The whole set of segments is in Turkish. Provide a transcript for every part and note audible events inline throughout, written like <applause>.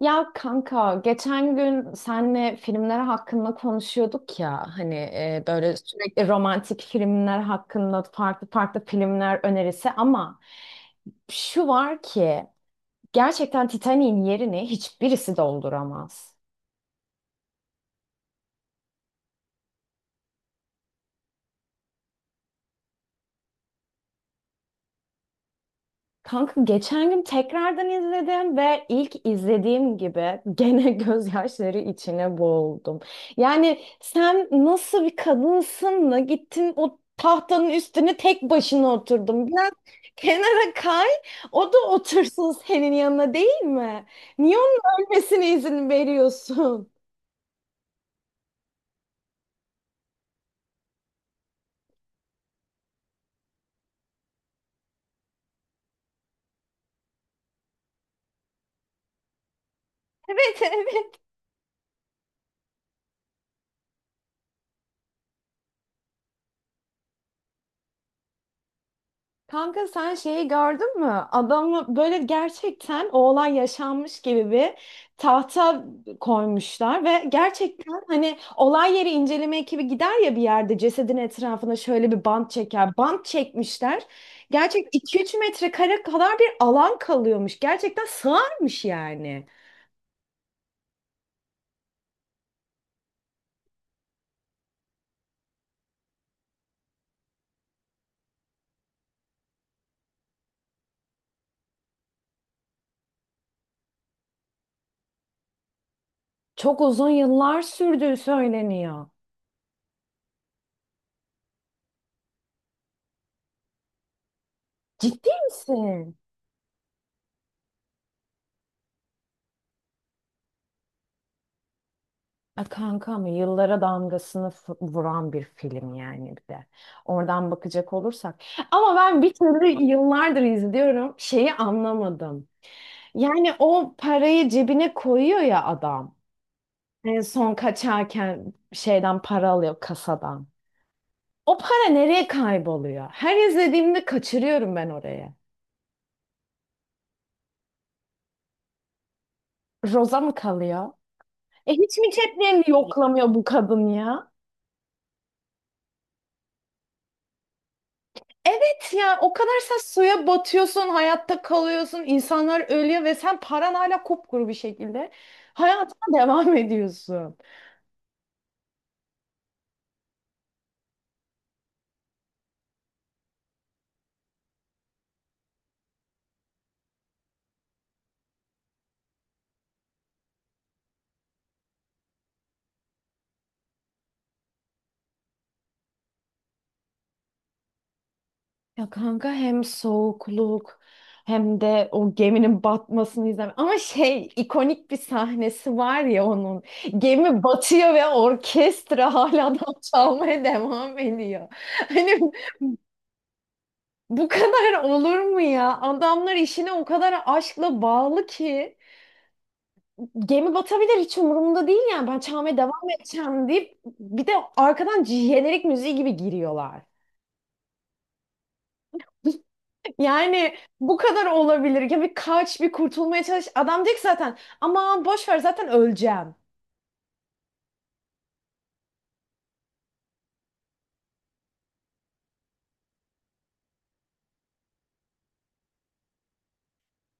Ya kanka geçen gün senle filmler hakkında konuşuyorduk ya hani böyle sürekli romantik filmler hakkında farklı farklı filmler önerisi ama şu var ki gerçekten Titanic'in yerini hiçbirisi dolduramaz. Kanka geçen gün tekrardan izledim ve ilk izlediğim gibi gene <laughs> gözyaşları içine boğuldum. Yani sen nasıl bir kadınsın da gittin o tahtanın üstüne tek başına oturdun. Biraz kenara kay, o da otursun senin yanına değil mi? Niye onun ölmesine izin veriyorsun? <laughs> Evet, evet. Kanka sen şeyi gördün mü? Adamı böyle gerçekten o olay yaşanmış gibi bir tahta koymuşlar ve gerçekten hani olay yeri inceleme ekibi gider ya bir yerde cesedin etrafına şöyle bir bant çeker. Bant çekmişler. Gerçek 2-3 metrekare kadar bir alan kalıyormuş. Gerçekten sığarmış yani. Çok uzun yıllar sürdüğü söyleniyor. Ciddi misin? E, kanka mı yıllara damgasını vuran bir film yani bir de. Oradan bakacak olursak. Ama ben bir türlü yıllardır izliyorum şeyi anlamadım. Yani o parayı cebine koyuyor ya adam. En son kaçarken şeyden para alıyor kasadan. O para nereye kayboluyor? Her izlediğimde kaçırıyorum ben oraya. Roza mı kalıyor? E hiç mi ceplerini yoklamıyor bu kadın ya? Evet ya o kadar sen suya batıyorsun, hayatta kalıyorsun, insanlar ölüyor ve sen paran hala kupkuru bir şekilde hayatına <laughs> devam ediyorsun. Ya kanka hem soğukluk hem de o geminin batmasını izlemek. Ama şey ikonik bir sahnesi var ya onun. Gemi batıyor ve orkestra hala <laughs> da çalmaya devam ediyor. Hani bu kadar olur mu ya? Adamlar işine o kadar aşkla bağlı ki. Gemi batabilir hiç umurumda değil yani ben çalmaya devam edeceğim deyip bir de arkadan jenerik müziği gibi giriyorlar. <laughs> Yani bu kadar olabilir. Ya bir kaç bir kurtulmaya çalış. Adam diyecek zaten aman boş ver zaten öleceğim.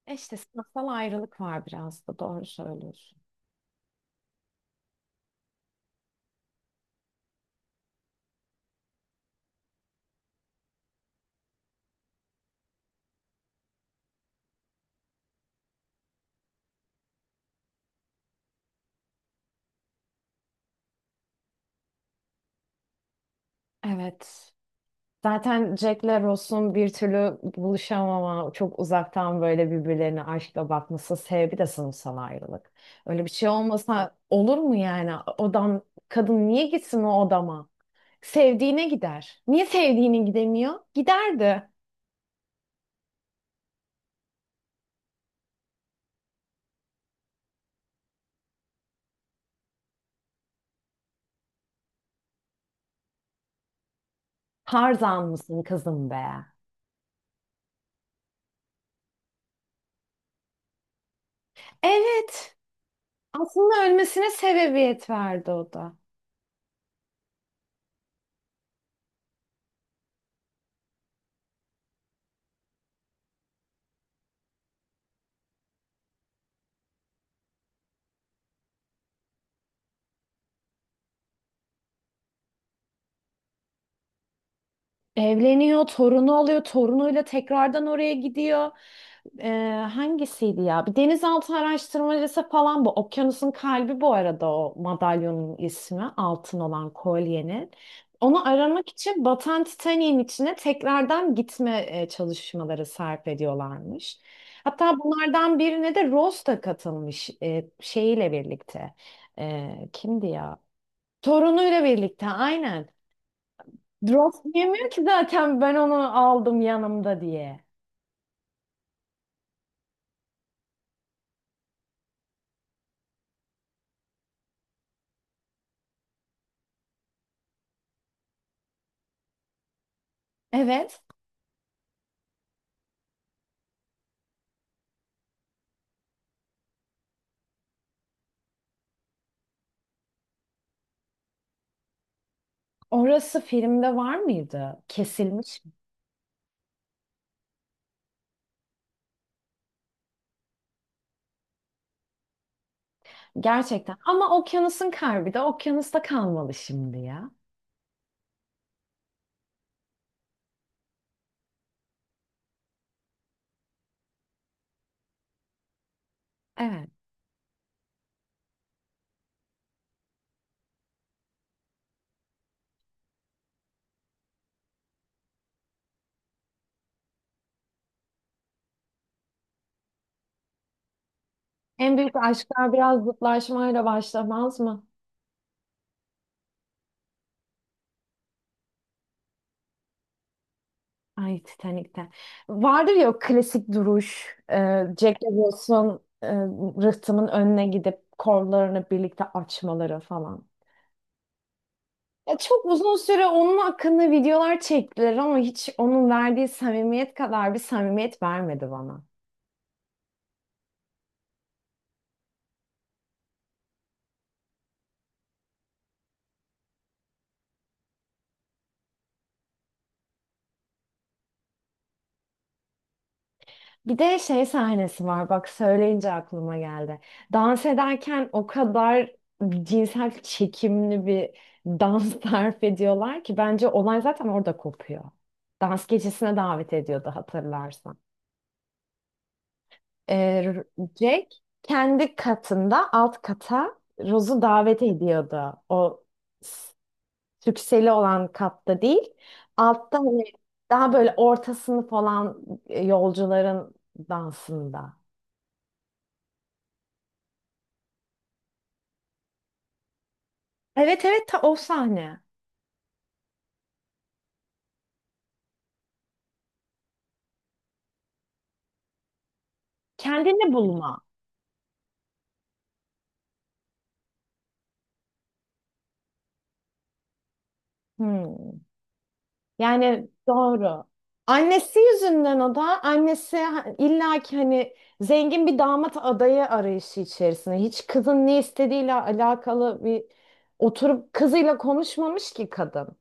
E işte sınıfsal ayrılık var biraz da doğru söylüyorsun. Evet. Zaten Jack'le Ross'un bir türlü buluşamama, çok uzaktan böyle birbirlerine aşkla bakması sebebi de sınıfsal ayrılık. Öyle bir şey olmasa olur mu yani? Odam, kadın niye gitsin o odama? Sevdiğine gider. Niye sevdiğine gidemiyor? Giderdi. Tarzan mısın kızım be? Evet. Aslında ölmesine sebebiyet verdi o da. Evleniyor, torunu oluyor, torunuyla tekrardan oraya gidiyor. Ee, Hangisiydi ya? Bir denizaltı araştırmacısı falan bu. Okyanusun kalbi bu arada o madalyonun ismi. Altın olan kolyenin. Onu aramak için batan Titanik'in içine tekrardan gitme çalışmaları sarf ediyorlarmış. Hatta bunlardan birine de Rose da katılmış e, şeyiyle birlikte. E, kimdi ya? Torunuyla birlikte aynen. Drop yemiyor ki zaten ben onu aldım yanımda diye. Evet. Orası filmde var mıydı? Kesilmiş mi? Gerçekten. Ama okyanusun kalbi de okyanusta kalmalı şimdi ya. Evet. En büyük aşklar biraz zıtlaşmayla başlamaz mı? Ay Titanik'te. Vardır ya o klasik duruş. Jack Nicholson rıhtımın önüne gidip kollarını birlikte açmaları falan. Ya çok uzun süre onun hakkında videolar çektiler ama hiç onun verdiği samimiyet kadar bir samimiyet vermedi bana. Bir de şey sahnesi var bak söyleyince aklıma geldi. Dans ederken o kadar cinsel çekimli bir dans <laughs> tarif ediyorlar ki bence olay zaten orada kopuyor. Dans gecesine davet ediyordu hatırlarsan. Ee, Jack kendi katında alt kata Rose'u davet ediyordu. O s- sükseli olan katta değil. Altta hani daha böyle ortasını falan yolcuların dansında. Evet evet ta o sahne. Kendini bulma. Hmm. Yani doğru. Annesi yüzünden o da annesi illaki hani zengin bir damat adayı arayışı içerisinde. Hiç kızın ne istediğiyle alakalı bir oturup kızıyla konuşmamış ki kadın.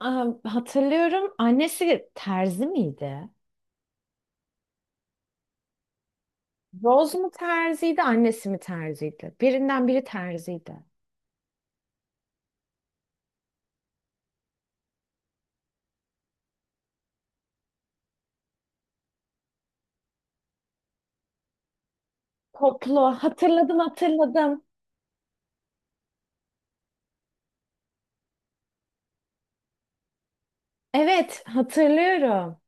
Aa, hatırlıyorum annesi terzi miydi? Rose mu terziydi, annesi mi terziydi? Birinden biri terziydi. Toplu. Hatırladım hatırladım. Evet hatırlıyorum.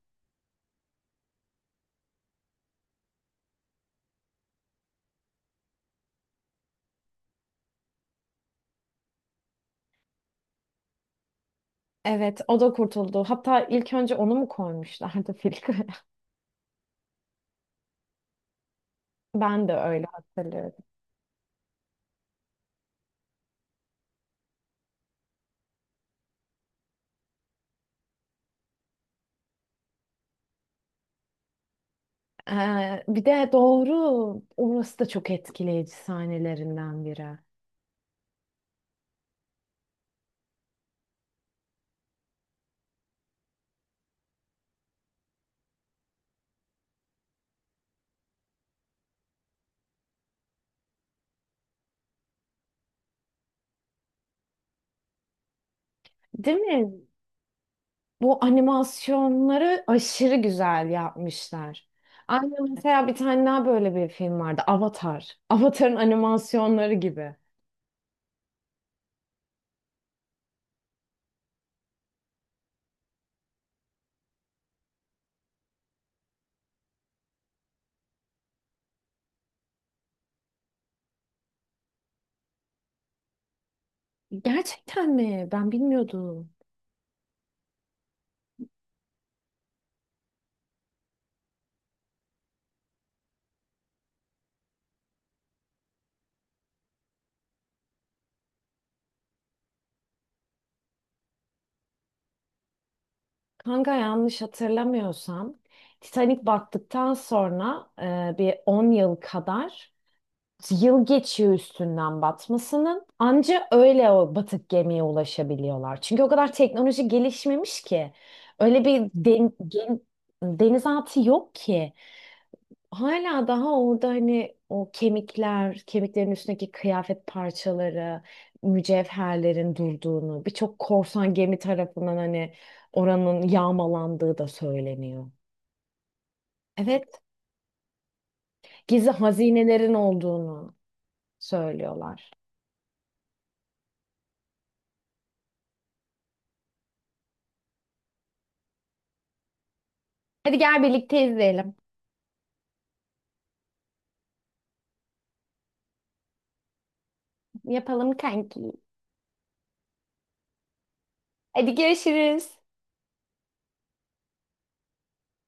Evet, o da kurtuldu. Hatta ilk önce onu mu koymuşlardı filtre? <laughs> Ben de öyle hatırlıyorum. Bir de doğru, orası da çok etkileyici sahnelerinden biri. Değil mi? Bu animasyonları aşırı güzel yapmışlar. Aynı mesela bir tane daha böyle bir film vardı. Avatar. Avatar'ın animasyonları gibi. Gerçekten mi? Ben bilmiyordum. Kanka yanlış hatırlamıyorsam Titanic battıktan sonra bir 10 yıl kadar yıl geçiyor üstünden batmasının. Anca öyle o batık gemiye ulaşabiliyorlar. Çünkü o kadar teknoloji gelişmemiş ki. Öyle bir denizaltı yok ki. Hala daha orada hani o kemikler, kemiklerin üstündeki kıyafet parçaları, mücevherlerin durduğunu, birçok korsan gemi tarafından hani oranın yağmalandığı da söyleniyor. Evet, gizli hazinelerin olduğunu söylüyorlar. Hadi gel birlikte izleyelim. Yapalım kanki. Hadi görüşürüz.